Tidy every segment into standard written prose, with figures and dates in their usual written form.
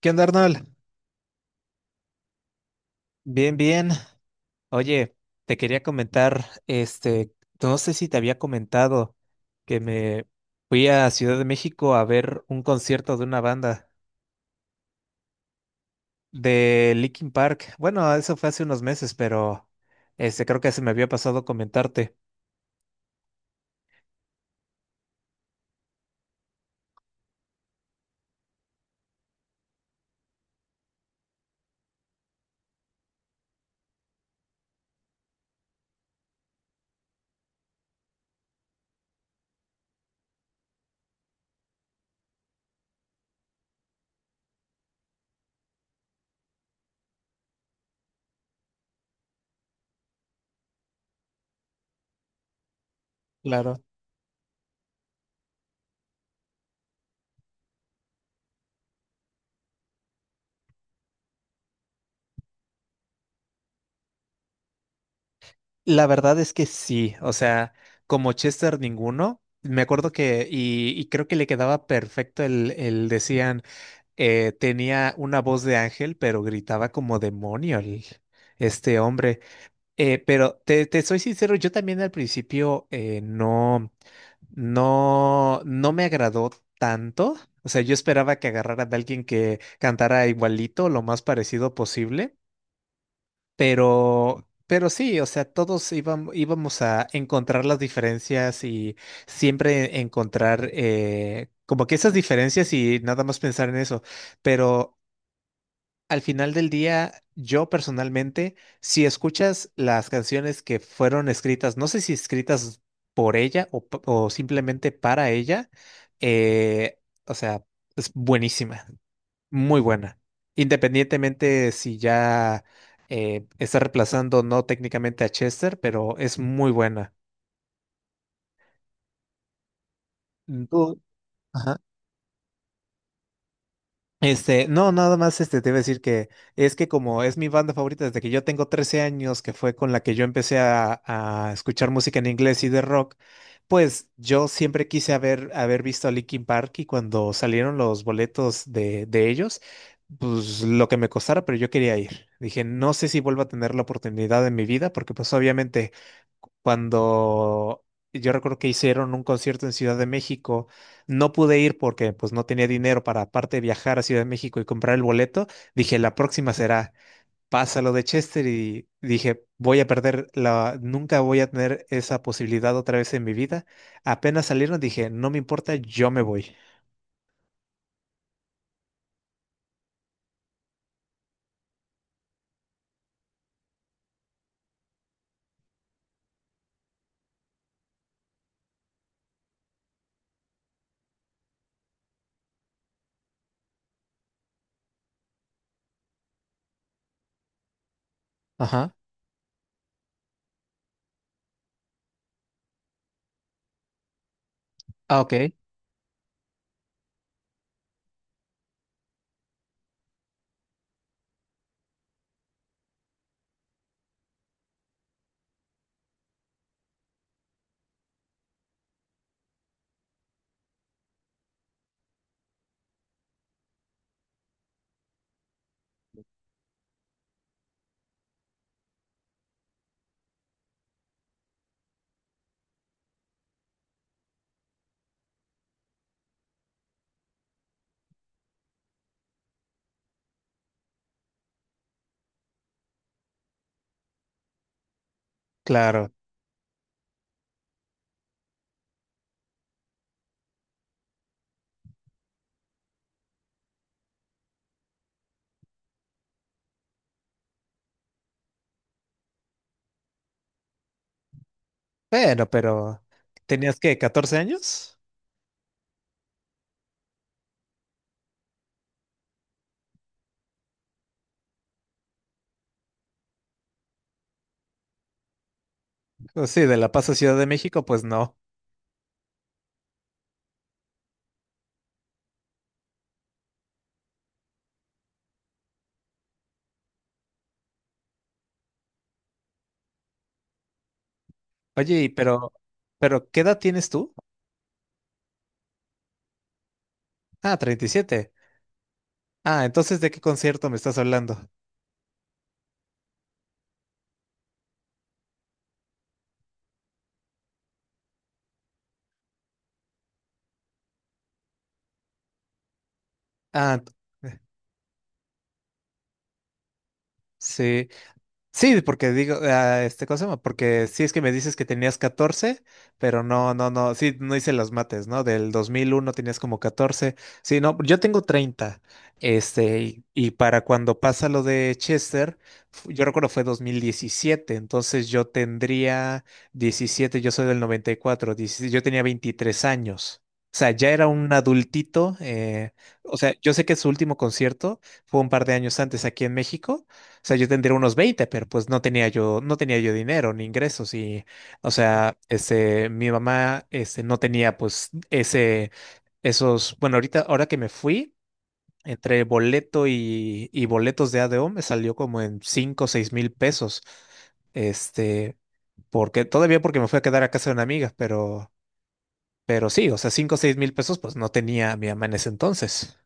¿Qué onda, Arnold? Bien, bien. Oye, te quería comentar, no sé si te había comentado que me fui a Ciudad de México a ver un concierto de una banda de Linkin Park. Bueno, eso fue hace unos meses, pero creo que se me había pasado comentarte. Claro. La verdad es que sí, o sea, como Chester ninguno, me acuerdo que, y creo que le quedaba perfecto el decían. Tenía una voz de ángel, pero gritaba como demonio este hombre. Pero te soy sincero, yo también al principio no, no, no me agradó tanto. O sea, yo esperaba que agarrara de alguien que cantara igualito, lo más parecido posible, pero sí, o sea, íbamos a encontrar las diferencias y siempre encontrar como que esas diferencias y nada más pensar en eso, pero al final del día, yo personalmente, si escuchas las canciones que fueron escritas, no sé si escritas por ella o simplemente para ella, eh, o sea, es buenísima, muy buena. Independientemente si ya está reemplazando no técnicamente a Chester, pero es muy buena. ¿Tú? Ajá. No, nada más te iba a decir que es que como es mi banda favorita desde que yo tengo 13 años, que fue con la que yo empecé a escuchar música en inglés y de rock, pues yo siempre quise haber visto a Linkin Park, y cuando salieron los boletos de ellos, pues lo que me costara, pero yo quería ir. Dije, no sé si vuelvo a tener la oportunidad en mi vida, porque pues obviamente cuando yo recuerdo que hicieron un concierto en Ciudad de México, no pude ir porque pues no tenía dinero para aparte de viajar a Ciudad de México y comprar el boleto, dije, la próxima será. Pásalo de Chester y dije, voy a perder la, nunca voy a tener esa posibilidad otra vez en mi vida. Apenas salieron, dije, no me importa, yo me voy. Ajá. Ah, ok. Claro. Bueno, pero ¿tenías que 14 años? Pues sí, de La Paz a Ciudad de México, pues no. Oye, pero ¿qué edad tienes tú? Ah, 37. Ah, entonces ¿de qué concierto me estás hablando? Ah, t- sí. Sí, porque digo, ah, ¿cómo se llama? Porque sí es que me dices que tenías 14, pero no, no, no, sí, no hice las mates, ¿no? Del 2001 tenías como 14. Sí, no, yo tengo 30, y para cuando pasa lo de Chester, yo recuerdo fue 2017, entonces yo tendría 17. Yo soy del 94, 16, yo tenía 23 años. O sea, ya era un adultito. O sea, yo sé que su último concierto fue un par de años antes aquí en México, o sea, yo tendría unos 20, pero pues no tenía yo, no tenía yo dinero ni ingresos y, o sea, mi mamá, no tenía pues ese, esos, bueno, ahorita, ahora que me fui, entre boleto y boletos de ADO me salió como en 5 o 6 mil pesos, este, porque, todavía porque me fui a quedar a casa de una amiga, pero, sí, o sea, 5 o 6 mil pesos pues no tenía mi mamá en ese entonces.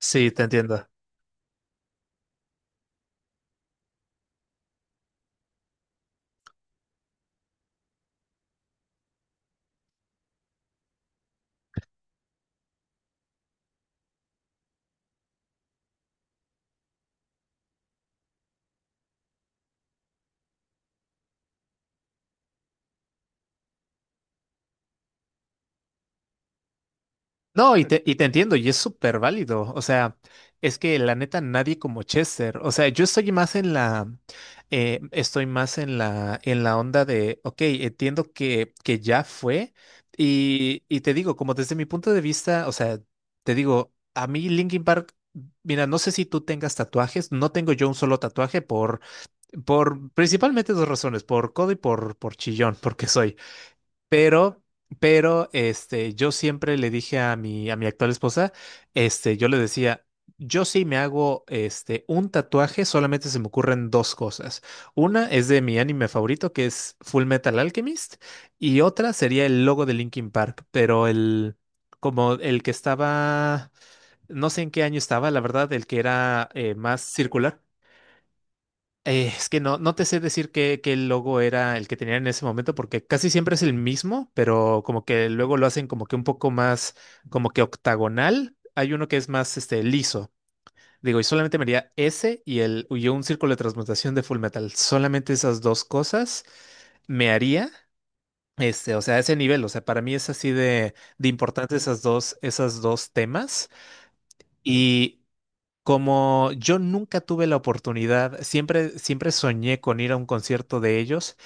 Sí, te entiendo. No, y te entiendo, y es súper válido. O sea, es que la neta nadie como Chester. O sea, yo estoy más en la, estoy más en la onda de, ok, entiendo que ya fue. Y te digo, como desde mi punto de vista, o sea, te digo, a mí Linkin Park, mira, no sé si tú tengas tatuajes, no tengo yo un solo tatuaje por principalmente dos razones, por codo y por chillón, porque soy. Pero, yo siempre le dije a mi actual esposa, yo le decía, yo sí me hago, un tatuaje, solamente se me ocurren dos cosas. Una es de mi anime favorito, que es Full Metal Alchemist, y otra sería el logo de Linkin Park, pero el, como el que estaba, no sé en qué año estaba, la verdad, el que era más circular. Es que no, no te sé decir qué logo era el que tenían en ese momento, porque casi siempre es el mismo, pero como que luego lo hacen como que un poco más, como que octagonal. Hay uno que es más liso. Digo, y solamente me haría ese y el y un círculo de transmutación de Full Metal. Solamente esas dos cosas me haría. O sea, ese nivel, o sea, para mí es así de importante esas dos temas. Y como yo nunca tuve la oportunidad, siempre, siempre soñé con ir a un concierto de ellos,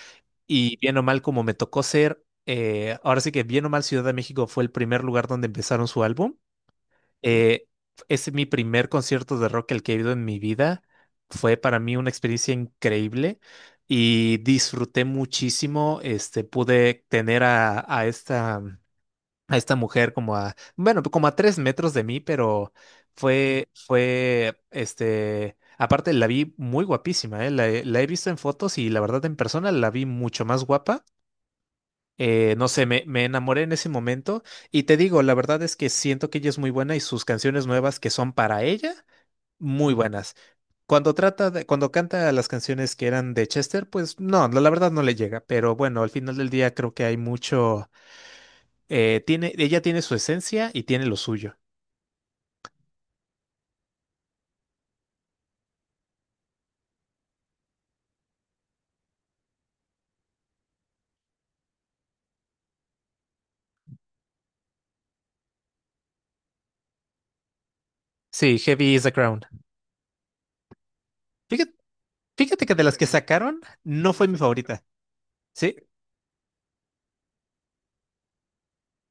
y bien o mal como me tocó ser, ahora sí que bien o mal Ciudad de México fue el primer lugar donde empezaron su álbum. eh, es mi primer concierto de rock el que he ido en mi vida. Fue para mí una experiencia increíble y disfruté muchísimo. Pude tener a esta mujer como a, bueno, como a 3 metros de mí, pero fue, fue, aparte la vi muy guapísima, ¿eh? La he visto en fotos y la verdad en persona la vi mucho más guapa. No sé, me enamoré en ese momento, y te digo, la verdad es que siento que ella es muy buena, y sus canciones nuevas que son para ella, muy buenas. Cuando trata de, cuando canta las canciones que eran de Chester, pues no, la verdad no le llega, pero bueno, al final del día creo que hay mucho, ella tiene su esencia y tiene lo suyo. Sí, Heavy is the Crown. Fíjate, fíjate que de las que sacaron, no fue mi favorita. Sí,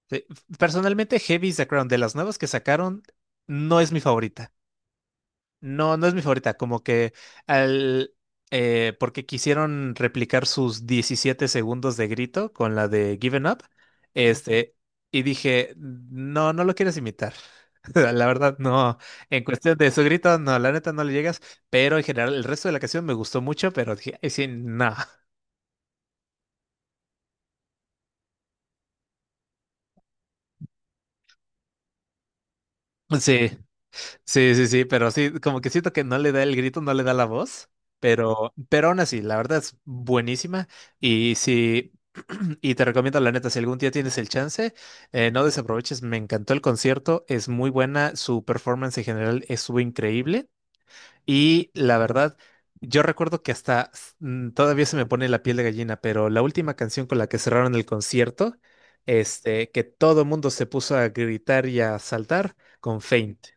sí. Personalmente, Heavy is the Crown, de las nuevas que sacaron, no es mi favorita. No, no es mi favorita, como que al porque quisieron replicar sus 17 segundos de grito con la de Given Up, este, y dije, no, no lo quieres imitar. La verdad, no. En cuestión de su grito, no, la neta no le llegas, pero en general el resto de la canción me gustó mucho, pero dije, "Ay, sí, no." Sí. Sí, sí, sí, pero sí, como que siento que no le da el grito, no le da la voz, pero aún así, la verdad es buenísima y sí, y te recomiendo la neta, si algún día tienes el chance, no desaproveches, me encantó el concierto, es muy buena, su performance en general estuvo increíble, y la verdad, yo recuerdo que hasta todavía se me pone la piel de gallina, pero la última canción con la que cerraron el concierto, que todo mundo se puso a gritar y a saltar con Faint.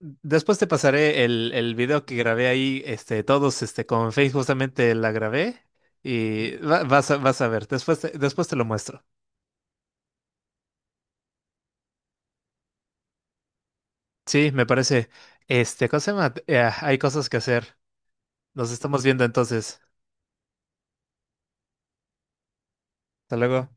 Después te pasaré el video que grabé ahí, todos, con Face justamente la grabé, y vas a ver, después te lo muestro. Sí, me parece, ¿cómo se llama? Hay cosas que hacer. Nos estamos viendo entonces. Hasta luego.